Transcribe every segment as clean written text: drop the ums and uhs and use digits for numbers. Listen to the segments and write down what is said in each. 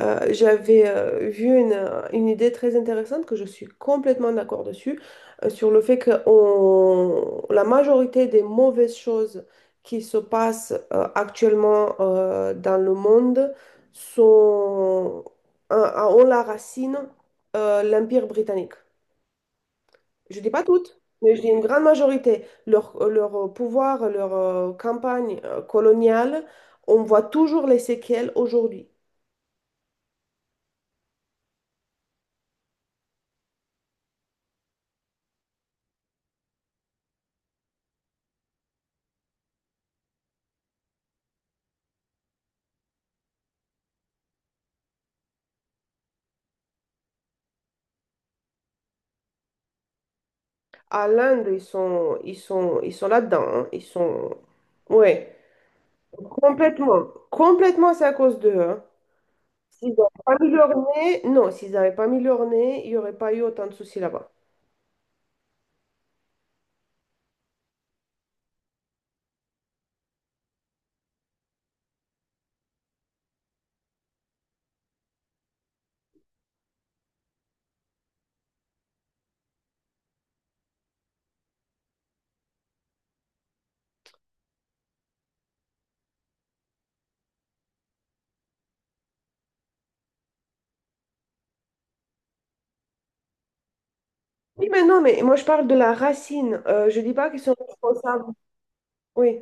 J'avais vu une idée très intéressante que je suis complètement d'accord dessus, sur le fait que la majorité des mauvaises choses qui se passent actuellement dans le monde sont, ont la racine l'Empire britannique. Je dis pas toutes. Mais je dis une grande majorité, leur pouvoir, leur campagne coloniale, on voit toujours les séquelles aujourd'hui. À l'Inde, ils sont là-dedans, hein. Ils sont. Ouais, complètement. Complètement, c'est à cause d'eux, hein. S'ils n'avaient pas mis leur nez, non, s'ils n'avaient pas mis leur nez, il n'y aurait pas eu autant de soucis là-bas. Oui, mais non, mais moi je parle de la racine. Je dis pas qu'ils sont responsables. Oui.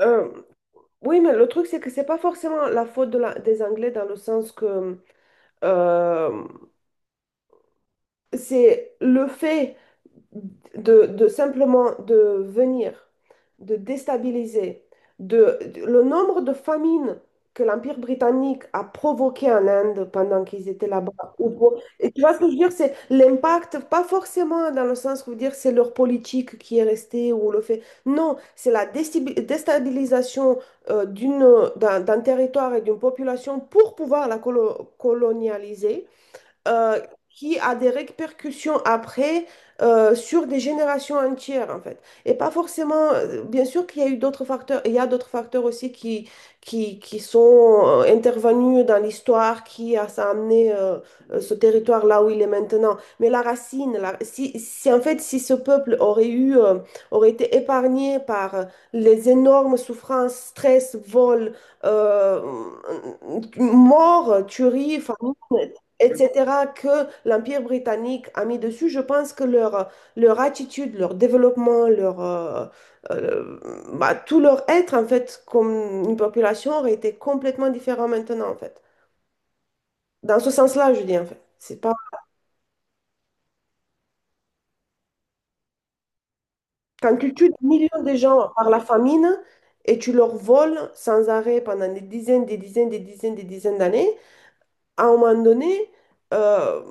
Euh, oui, mais le truc, c'est que c'est pas forcément la faute de des Anglais dans le sens que euh, c'est le fait de simplement de venir, de déstabiliser, le nombre de famines que l'Empire britannique a provoqué en Inde pendant qu'ils étaient là-bas. Et tu vois ce que je veux dire, c'est l'impact, pas forcément dans le sens où dire c'est leur politique qui est restée ou le fait. Non, c'est la déstabilisation euh, d'une, d'un territoire et d'une population pour pouvoir la colonialiser euh, qui a des répercussions après sur des générations entières, en fait. Et pas forcément, bien sûr qu'il y a eu d'autres facteurs, il y a d'autres facteurs aussi qui sont intervenus dans l'histoire, ça a amené ce territoire là où il est maintenant. Mais la racine, si en fait, si ce peuple aurait aurait été épargné par les énormes souffrances, stress, vols, euh, morts, tueries, famine, etc., que l'Empire britannique a mis dessus, je pense que leur attitude, leur développement, euh, bah, tout leur être, en fait, comme une population, aurait été complètement différent maintenant, en fait. Dans ce sens-là, je dis, en fait. C'est pas... Quand tu tues des millions de gens par la famine et tu leur voles sans arrêt pendant des dizaines, des dizaines, des dizaines, des dizaines d'années, à un moment donné, euh,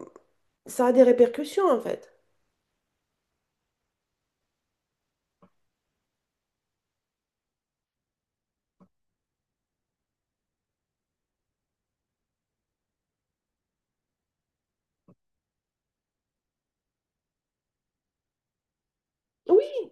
ça a des répercussions, en fait. Oui,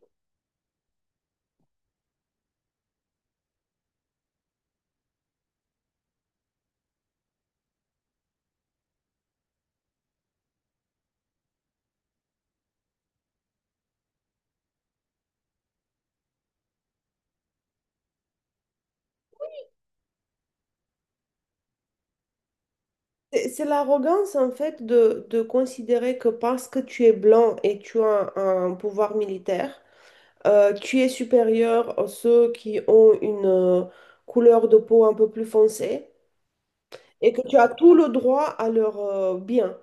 c'est l'arrogance en fait de considérer que parce que tu es blanc et tu as un pouvoir militaire, tu es supérieur à ceux qui ont une couleur de peau un peu plus foncée et que tu as tout le droit à leur bien,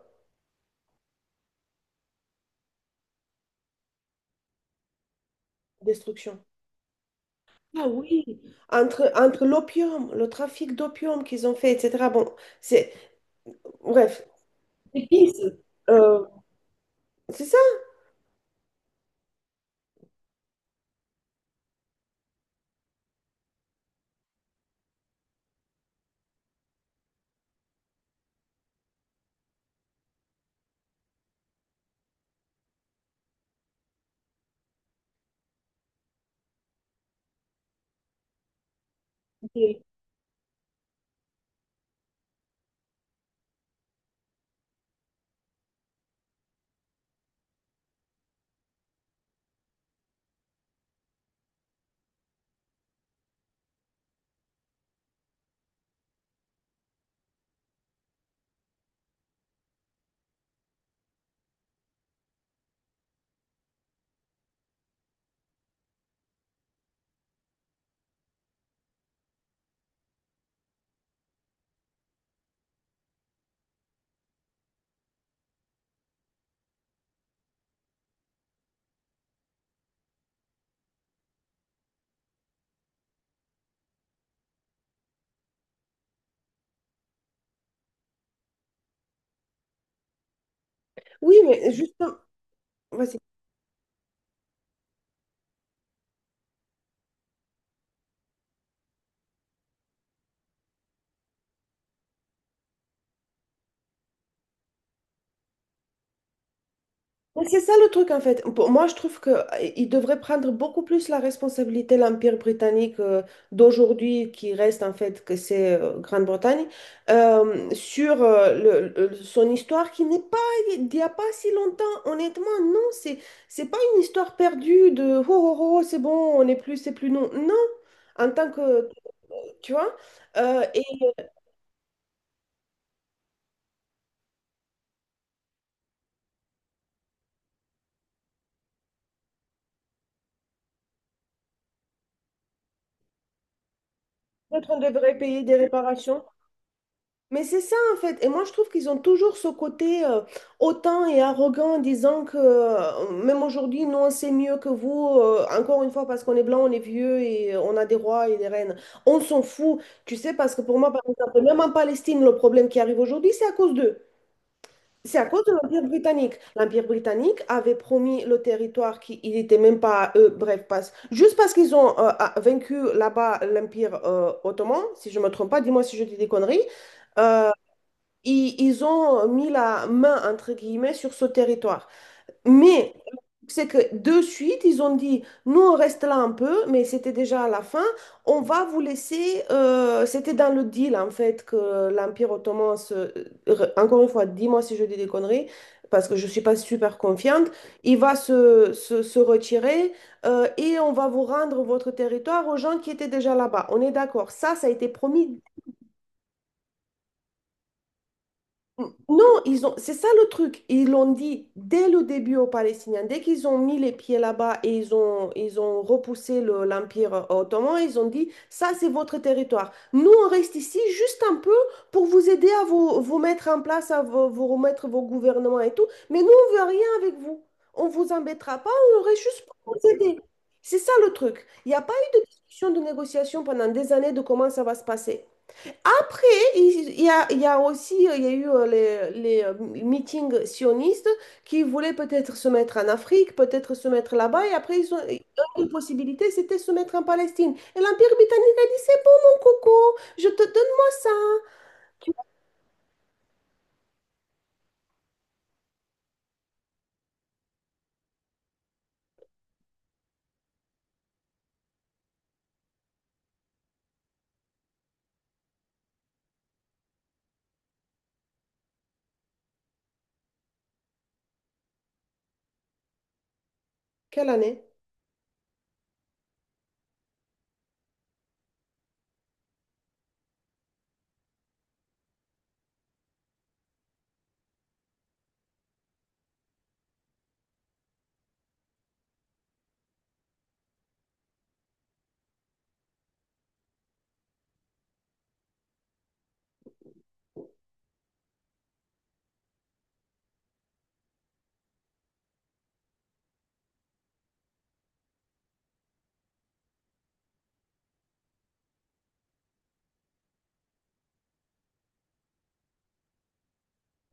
destruction. Ah oui, entre l'opium, le trafic d'opium qu'ils ont fait, etc. Bon, c'est... Bref. C'est qui, ça Euh, c'est ça. Ok. Oui, mais juste... Mais c'est ça le truc en fait. Pour moi, je trouve qu'il devrait prendre beaucoup plus la responsabilité, l'Empire britannique d'aujourd'hui, qui reste en fait que c'est Grande-Bretagne, sur son histoire qui n'est pas d'il n'y a pas si longtemps. Honnêtement, non, c'est pas une histoire perdue de oh, oh, oh, c'est bon, on n'est plus, c'est plus non. Non, en tant que, tu vois, et peut-être on devrait payer des réparations. Mais c'est ça en fait. Et moi je trouve qu'ils ont toujours ce côté hautain et arrogant en disant que même aujourd'hui, nous on sait mieux que vous. Encore une fois, parce qu'on est blanc, on est vieux et on a des rois et des reines. On s'en fout. Tu sais, parce que pour moi, par exemple, même en Palestine, le problème qui arrive aujourd'hui, c'est à cause d'eux. C'est à cause de l'Empire britannique. L'Empire britannique avait promis le territoire qui il n'était même pas à eux. Bref, passe. Juste parce qu'ils ont vaincu là-bas l'Empire ottoman, si je ne me trompe pas, dis-moi si je dis des conneries. Euh, ils ont mis la main, entre guillemets, sur ce territoire. Mais c'est que de suite, ils ont dit, nous, on reste là un peu, mais c'était déjà à la fin, on va vous laisser, c'était dans le deal, en fait, que l'Empire ottoman, encore une fois, dis-moi si je dis des conneries, parce que je ne suis pas super confiante, il va se retirer et on va vous rendre votre territoire aux gens qui étaient déjà là-bas. On est d'accord, ça a été promis. Non, ils ont, c'est ça le truc. Ils l'ont dit dès le début aux Palestiniens. Dès qu'ils ont mis les pieds là-bas et ils ont repoussé l'Empire ottoman, ils ont dit, ça, c'est votre territoire. Nous, on reste ici juste un peu pour vous aider à vous, vous mettre en place, à vous, vous remettre vos gouvernements et tout. Mais nous, on veut rien avec vous. On vous embêtera pas, on reste juste pour vous aider. C'est ça le truc. Il n'y a pas eu de discussion, de négociation pendant des années de comment ça va se passer. Après, il y a, il y a aussi il y a eu les meetings sionistes qui voulaient peut-être se mettre en Afrique, peut-être se mettre là-bas. Et après, ils ont, une possibilité, c'était se mettre en Palestine. Et l'Empire britannique a dit, c'est bon, mon coco, je te donne-moi ça. Tu- Quelle année?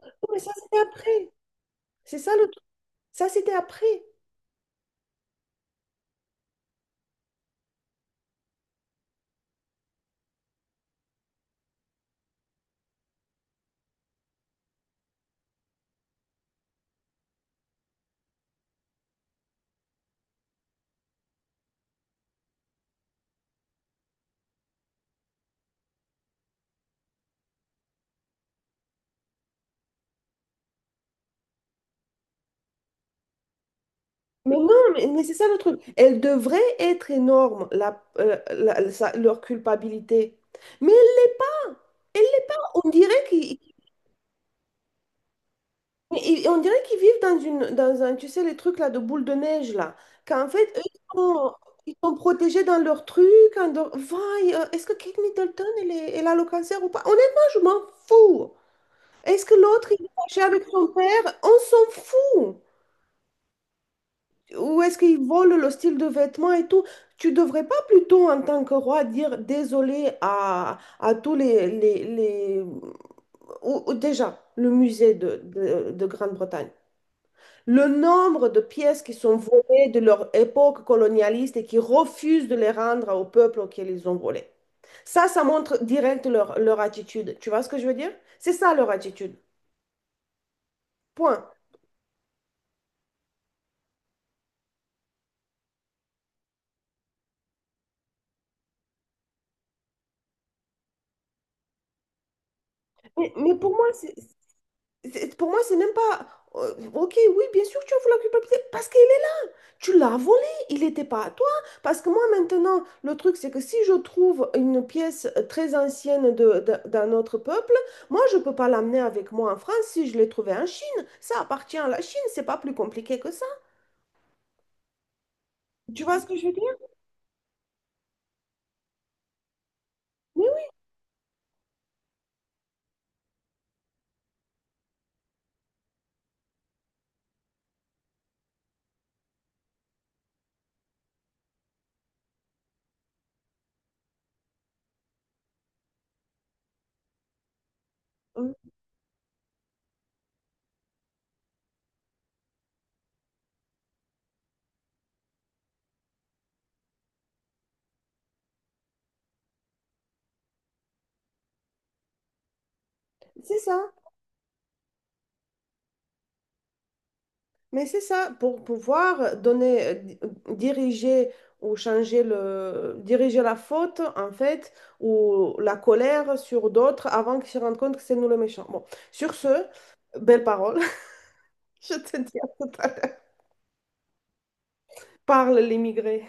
Non, mais ça, c'était après. C'est ça le truc. Ça, c'était après. Mais non, mais c'est ça le truc. Elle devrait être énorme, leur culpabilité. Mais elle l'est pas. Elle l'est pas. On dirait qu'ils. Et on dirait qu'ils vivent dans un, tu sais, les trucs là de boule de neige là, qu'en fait, eux, ils sont protégés dans leur truc. Vaille, est-ce que Kate Middleton, elle, est- elle a le cancer ou pas? Honnêtement, je m'en fous. Est-ce que l'autre, il est fâché avec son père? On s'en fout. Ou est-ce qu'ils volent le style de vêtements et tout? Tu devrais pas plutôt, en tant que roi, dire désolé à tous ou déjà, le musée de, de Grande-Bretagne. Le nombre de pièces qui sont volées de leur époque colonialiste et qui refusent de les rendre au peuple auquel ils ont volé. Ça montre direct leur, leur attitude. Tu vois ce que je veux dire? C'est ça leur attitude. Point. Mais pour moi, pour moi, c'est même pas. Ok, oui, bien sûr, tu as vu la culpabilité parce que tu l'as volé, il n'était pas à toi. Parce que moi, maintenant, le truc, c'est que si je trouve une pièce très ancienne de, d'un autre peuple, moi, je ne peux pas l'amener avec moi en France si je l'ai trouvée en Chine. Ça appartient à la Chine, c'est pas plus compliqué que ça. Tu vois ce que je veux dire? Mais oui, euh, c'est ça. Mais c'est ça, pour pouvoir diriger ou diriger la faute, en fait, ou la colère sur d'autres avant qu'ils se rendent compte que c'est nous le méchant. Bon, sur ce, belle parole. Je te dis à tout à l'heure. Parle l'immigré.